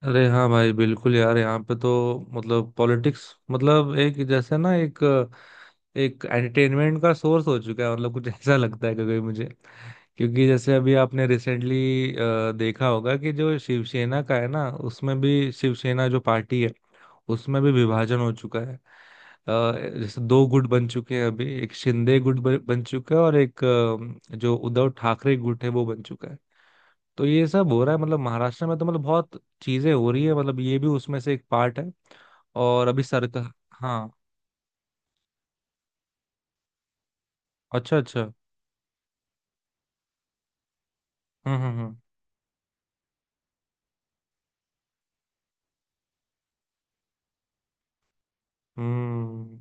अरे हाँ भाई बिल्कुल यार। यहाँ पे तो पॉलिटिक्स मतलब एक जैसे ना एक एक एंटरटेनमेंट का सोर्स हो चुका है। मतलब कुछ ऐसा लगता है कभी मुझे, क्योंकि जैसे अभी आपने रिसेंटली देखा होगा कि जो शिवसेना का है ना, उसमें भी, शिवसेना जो पार्टी है उसमें भी विभाजन हो चुका है। जैसे दो गुट बन चुके हैं अभी। एक शिंदे गुट बन चुका है और एक जो उद्धव ठाकरे गुट है वो बन चुका है। तो ये सब हो रहा है मतलब महाराष्ट्र में। तो मतलब बहुत चीजें हो रही है, मतलब ये भी उसमें से एक पार्ट है। और अभी सरकार। हाँ। अच्छा अच्छा। हम्म। हम्म।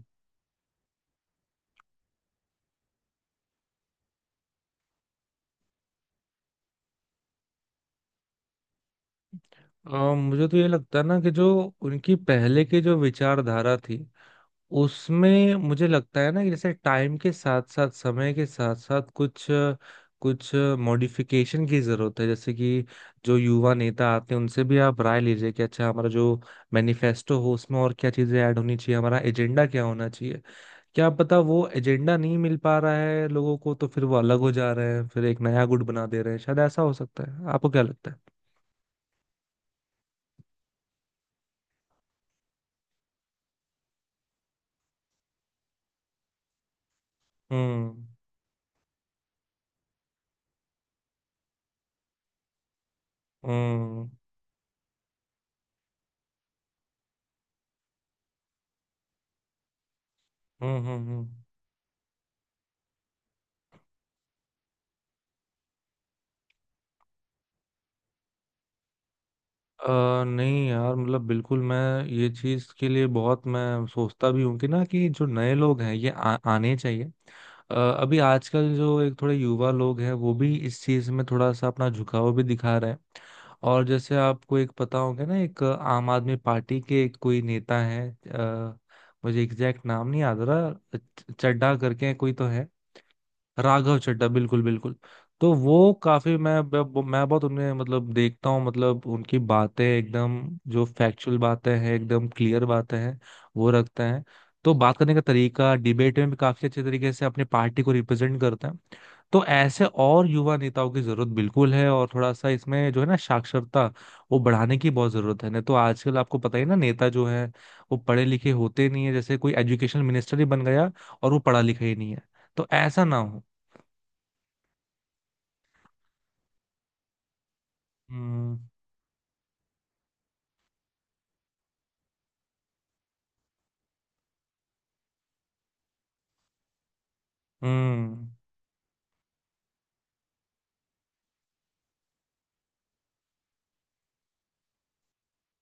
मुझे तो ये लगता है ना कि जो उनकी पहले की जो विचारधारा थी उसमें, मुझे लगता है ना, कि जैसे टाइम के साथ साथ, समय के साथ साथ कुछ कुछ मॉडिफिकेशन की जरूरत है। जैसे कि जो युवा नेता आते हैं उनसे भी आप राय लीजिए कि अच्छा हमारा जो मैनिफेस्टो हो उसमें और क्या चीजें ऐड होनी चाहिए, हमारा एजेंडा क्या होना चाहिए। क्या पता वो एजेंडा नहीं मिल पा रहा है लोगों को, तो फिर वो अलग हो जा रहे हैं, फिर एक नया गुट बना दे रहे हैं। शायद ऐसा हो सकता है। आपको क्या लगता है? हम्म हम्म हम्म। नहीं यार मतलब बिल्कुल मैं ये चीज़ के लिए बहुत मैं सोचता भी हूँ कि ना, कि जो नए लोग हैं ये आने चाहिए। अभी आजकल जो एक थोड़े युवा लोग हैं वो भी इस चीज़ में थोड़ा सा अपना झुकाव भी दिखा रहे हैं। और जैसे आपको एक पता होगा ना, एक आम आदमी पार्टी के एक कोई नेता है मुझे एग्जैक्ट नाम नहीं याद आ रहा, चड्ढा करके कोई तो है। राघव चड्ढा, बिल्कुल बिल्कुल। तो वो काफी, मैं बहुत उन्हें मतलब देखता हूँ, मतलब उनकी बातें एकदम, जो फैक्चुअल बातें हैं, एकदम क्लियर बातें हैं वो रखते हैं। तो बात करने का तरीका, डिबेट में भी काफी अच्छे तरीके से अपनी पार्टी को रिप्रेजेंट करते हैं। तो ऐसे और युवा नेताओं की जरूरत बिल्कुल है। और थोड़ा सा इसमें जो है ना, साक्षरता वो बढ़ाने की बहुत जरूरत है। नहीं तो आजकल आपको पता ही ना, नेता जो है वो पढ़े लिखे होते नहीं है। जैसे कोई एजुकेशन मिनिस्टर ही बन गया और वो पढ़ा लिखा ही नहीं है। तो ऐसा ना हो। हम्म हम्म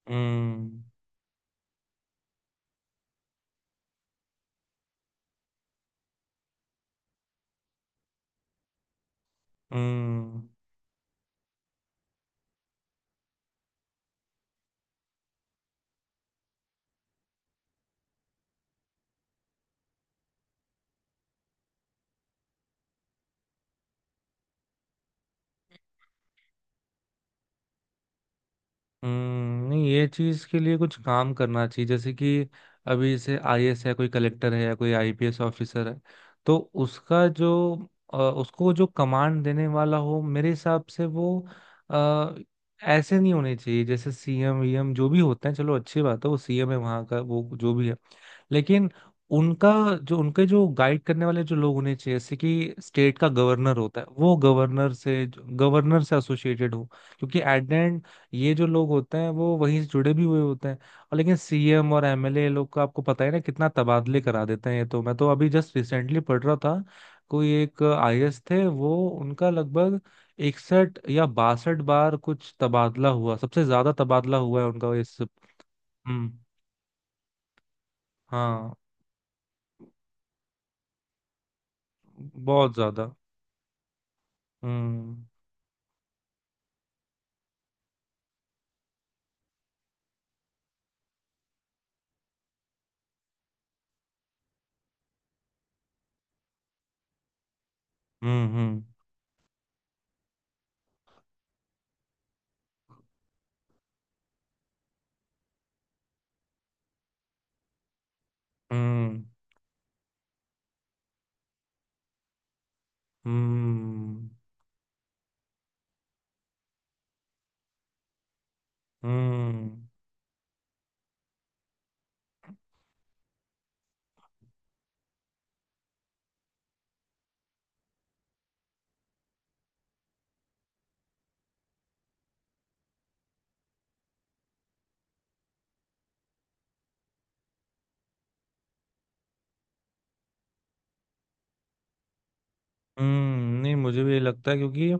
हम्म हम्म, हम्म, हम्म, नहीं ये चीज के लिए कुछ काम करना चाहिए। जैसे कि अभी जैसे आईएएस है, कोई कलेक्टर है, या कोई आईपीएस ऑफिसर है, तो उसका जो, उसको जो कमांड देने वाला हो, मेरे हिसाब से वो आ, ऐसे नहीं होने चाहिए जैसे सीएम वीएम जो भी होते हैं। चलो अच्छी बात है, वो सीएम है वहां का, वो जो भी है, लेकिन उनका, जो उनके जो गाइड करने वाले जो लोग होने चाहिए, जैसे कि स्टेट का गवर्नर होता है, वो गवर्नर से एसोसिएटेड हो। क्योंकि एट द एंड ये जो लोग होते हैं वो वहीं से जुड़े भी हुए होते हैं। और लेकिन सीएम और एमएलए लोग का आपको पता है ना, कितना तबादले करा देते हैं। ये तो मैं तो अभी जस्ट रिसेंटली पढ़ रहा था, कोई एक आईएएस थे, वो उनका लगभग 61 या 62 बार कुछ तबादला हुआ। सबसे ज्यादा तबादला हुआ है उनका इस। हम्म। हाँ। बहुत ज्यादा। हम्म हम्म हम्म हम्म हम्म नहीं मुझे भी ये लगता है। क्योंकि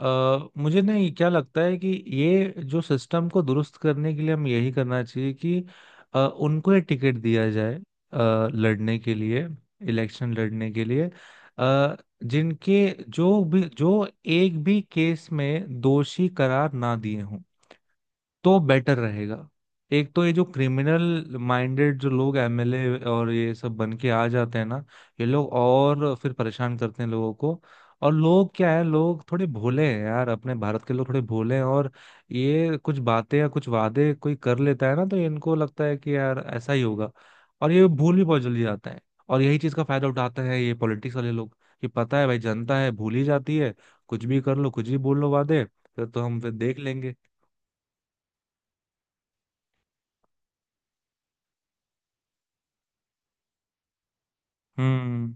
मुझे नहीं क्या लगता है कि ये जो सिस्टम को दुरुस्त करने के लिए, हम यही करना चाहिए कि उनको ये टिकट दिया जाए अ, लड़ने के लिए, इलेक्शन लड़ने के लिए, अ, जिनके जो भी, जो एक भी केस में दोषी करार ना दिए हों, तो बेटर रहेगा। एक तो ये जो क्रिमिनल माइंडेड जो लोग एमएलए और ये सब बन के आ जाते हैं ना, ये लोग और फिर परेशान करते हैं लोगों को। और लोग क्या है, लोग थोड़े भोले हैं यार, अपने भारत के लोग थोड़े भोले हैं। और ये कुछ बातें या कुछ वादे कोई कर लेता है ना, तो इनको लगता है कि यार ऐसा ही होगा। और ये भूल भी बहुत जल्दी जाते हैं। और यही चीज का फायदा उठाते हैं ये पॉलिटिक्स वाले लोग, कि पता है भाई, जनता है भूल ही जाती है, कुछ भी कर लो, कुछ भी बोल लो वादे, फिर तो हम फिर देख लेंगे। हम्म।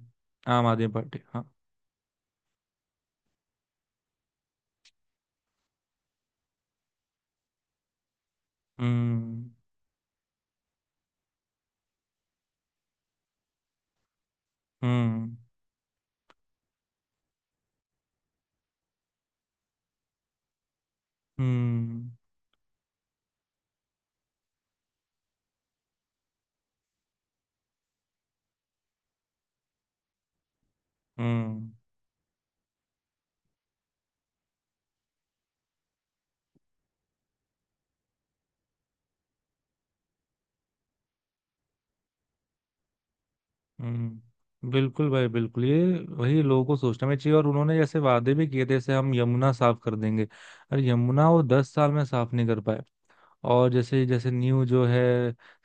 आम आदमी पार्टी, हाँ। हम्म हम्म हम्म हम्म हम्म। बिल्कुल भाई बिल्कुल। ये वही लोगों को सोचना भी चाहिए। और उन्होंने जैसे वादे भी किए थे, जैसे हम यमुना साफ कर देंगे। अरे यमुना वो 10 साल में साफ नहीं कर पाए। और जैसे जैसे न्यू जो है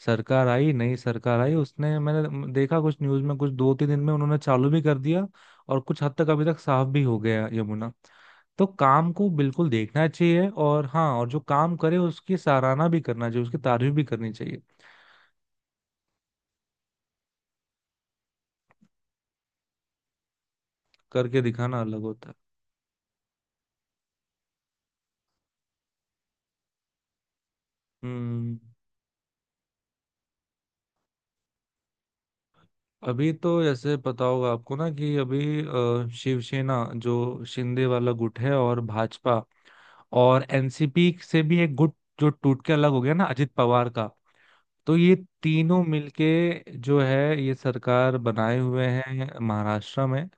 सरकार आई, नई सरकार आई, उसने, मैंने देखा कुछ न्यूज में, कुछ 2-3 दिन में उन्होंने चालू भी कर दिया। और कुछ हद तक अभी तक साफ भी हो गया यमुना। तो काम को बिल्कुल देखना चाहिए। और हाँ, और जो काम करे उसकी सराहना भी करना चाहिए, उसकी तारीफ भी करनी चाहिए। करके दिखाना अलग होता है। हम्म। अभी तो जैसे पता होगा आपको ना, कि अभी शिवसेना जो शिंदे वाला गुट है, और भाजपा, और एनसीपी से भी एक गुट जो टूट के अलग हो गया ना अजित पवार का, तो ये तीनों मिलके जो है ये सरकार बनाए हुए हैं महाराष्ट्र में।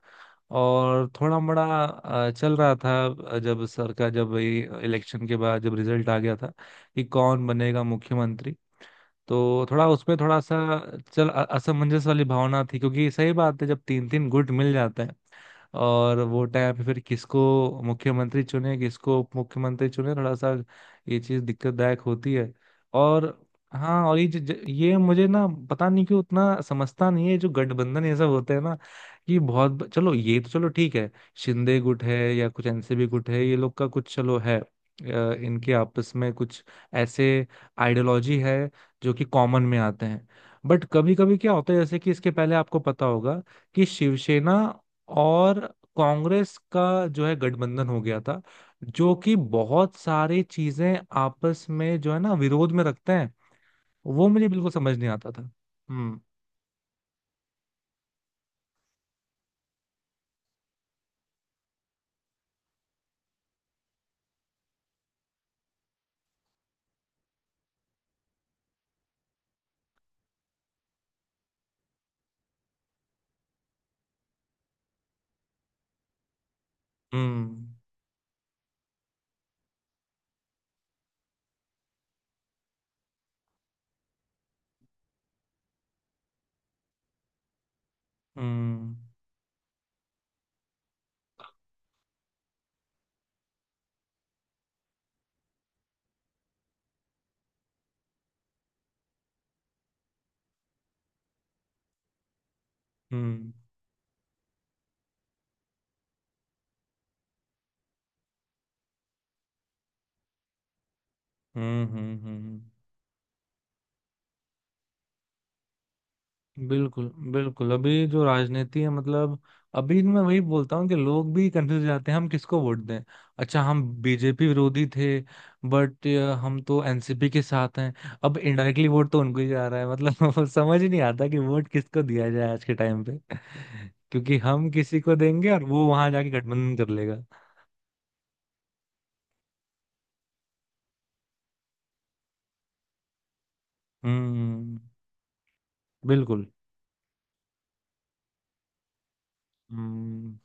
और थोड़ा बड़ा चल रहा था जब सरकार, जब ये इलेक्शन के बाद जब रिजल्ट आ गया था कि कौन बनेगा मुख्यमंत्री, तो थोड़ा उसमें थोड़ा सा असमंजस वाली भावना थी। क्योंकि सही बात है, जब तीन तीन गुट मिल जाते हैं, और वो टाइम पे फिर किसको मुख्यमंत्री चुने, किसको उप मुख्यमंत्री चुने, थोड़ा सा ये चीज दिक्कतदायक होती है। और हाँ, और ये ज, ज, ये मुझे ना पता नहीं क्यों उतना समझता नहीं है, जो गठबंधन ये सब होते हैं ना, कि चलो ये तो चलो ठीक है, शिंदे गुट है या कुछ एनसीपी गुट है, ये लोग का कुछ चलो है, इनके आपस में कुछ ऐसे आइडियोलॉजी है जो कि कॉमन में आते हैं। बट कभी कभी क्या होता है जैसे कि, इसके पहले आपको पता होगा कि शिवसेना और कांग्रेस का जो है गठबंधन हो गया था, जो कि बहुत सारी चीजें आपस में जो है ना विरोध में रखते हैं। वो मुझे बिल्कुल समझ नहीं आता था। हम्म हम्म हम्म हम्म हम्म हम्म हम्म। बिल्कुल बिल्कुल। अभी जो राजनीति है मतलब, अभी मैं वही बोलता हूँ कि लोग भी कंफ्यूज जाते हैं, हम किसको वोट दें। अच्छा हम बीजेपी विरोधी थे, बट हम तो एनसीपी के साथ हैं, अब इनडायरेक्टली वोट तो उनको ही जा रहा है। मतलब समझ ही नहीं आता कि वोट किसको दिया जाए आज के टाइम पे, क्योंकि हम किसी को देंगे और वो वहां जाके गठबंधन कर लेगा। हम्म, बिल्कुल। हम्म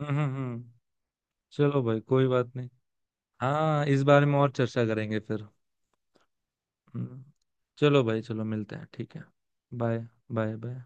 हम्म हम्म हम्म। चलो भाई कोई बात नहीं। हाँ इस बारे में और चर्चा करेंगे फिर। हम्म, चलो भाई, चलो मिलते हैं, ठीक है। Bye bye bye.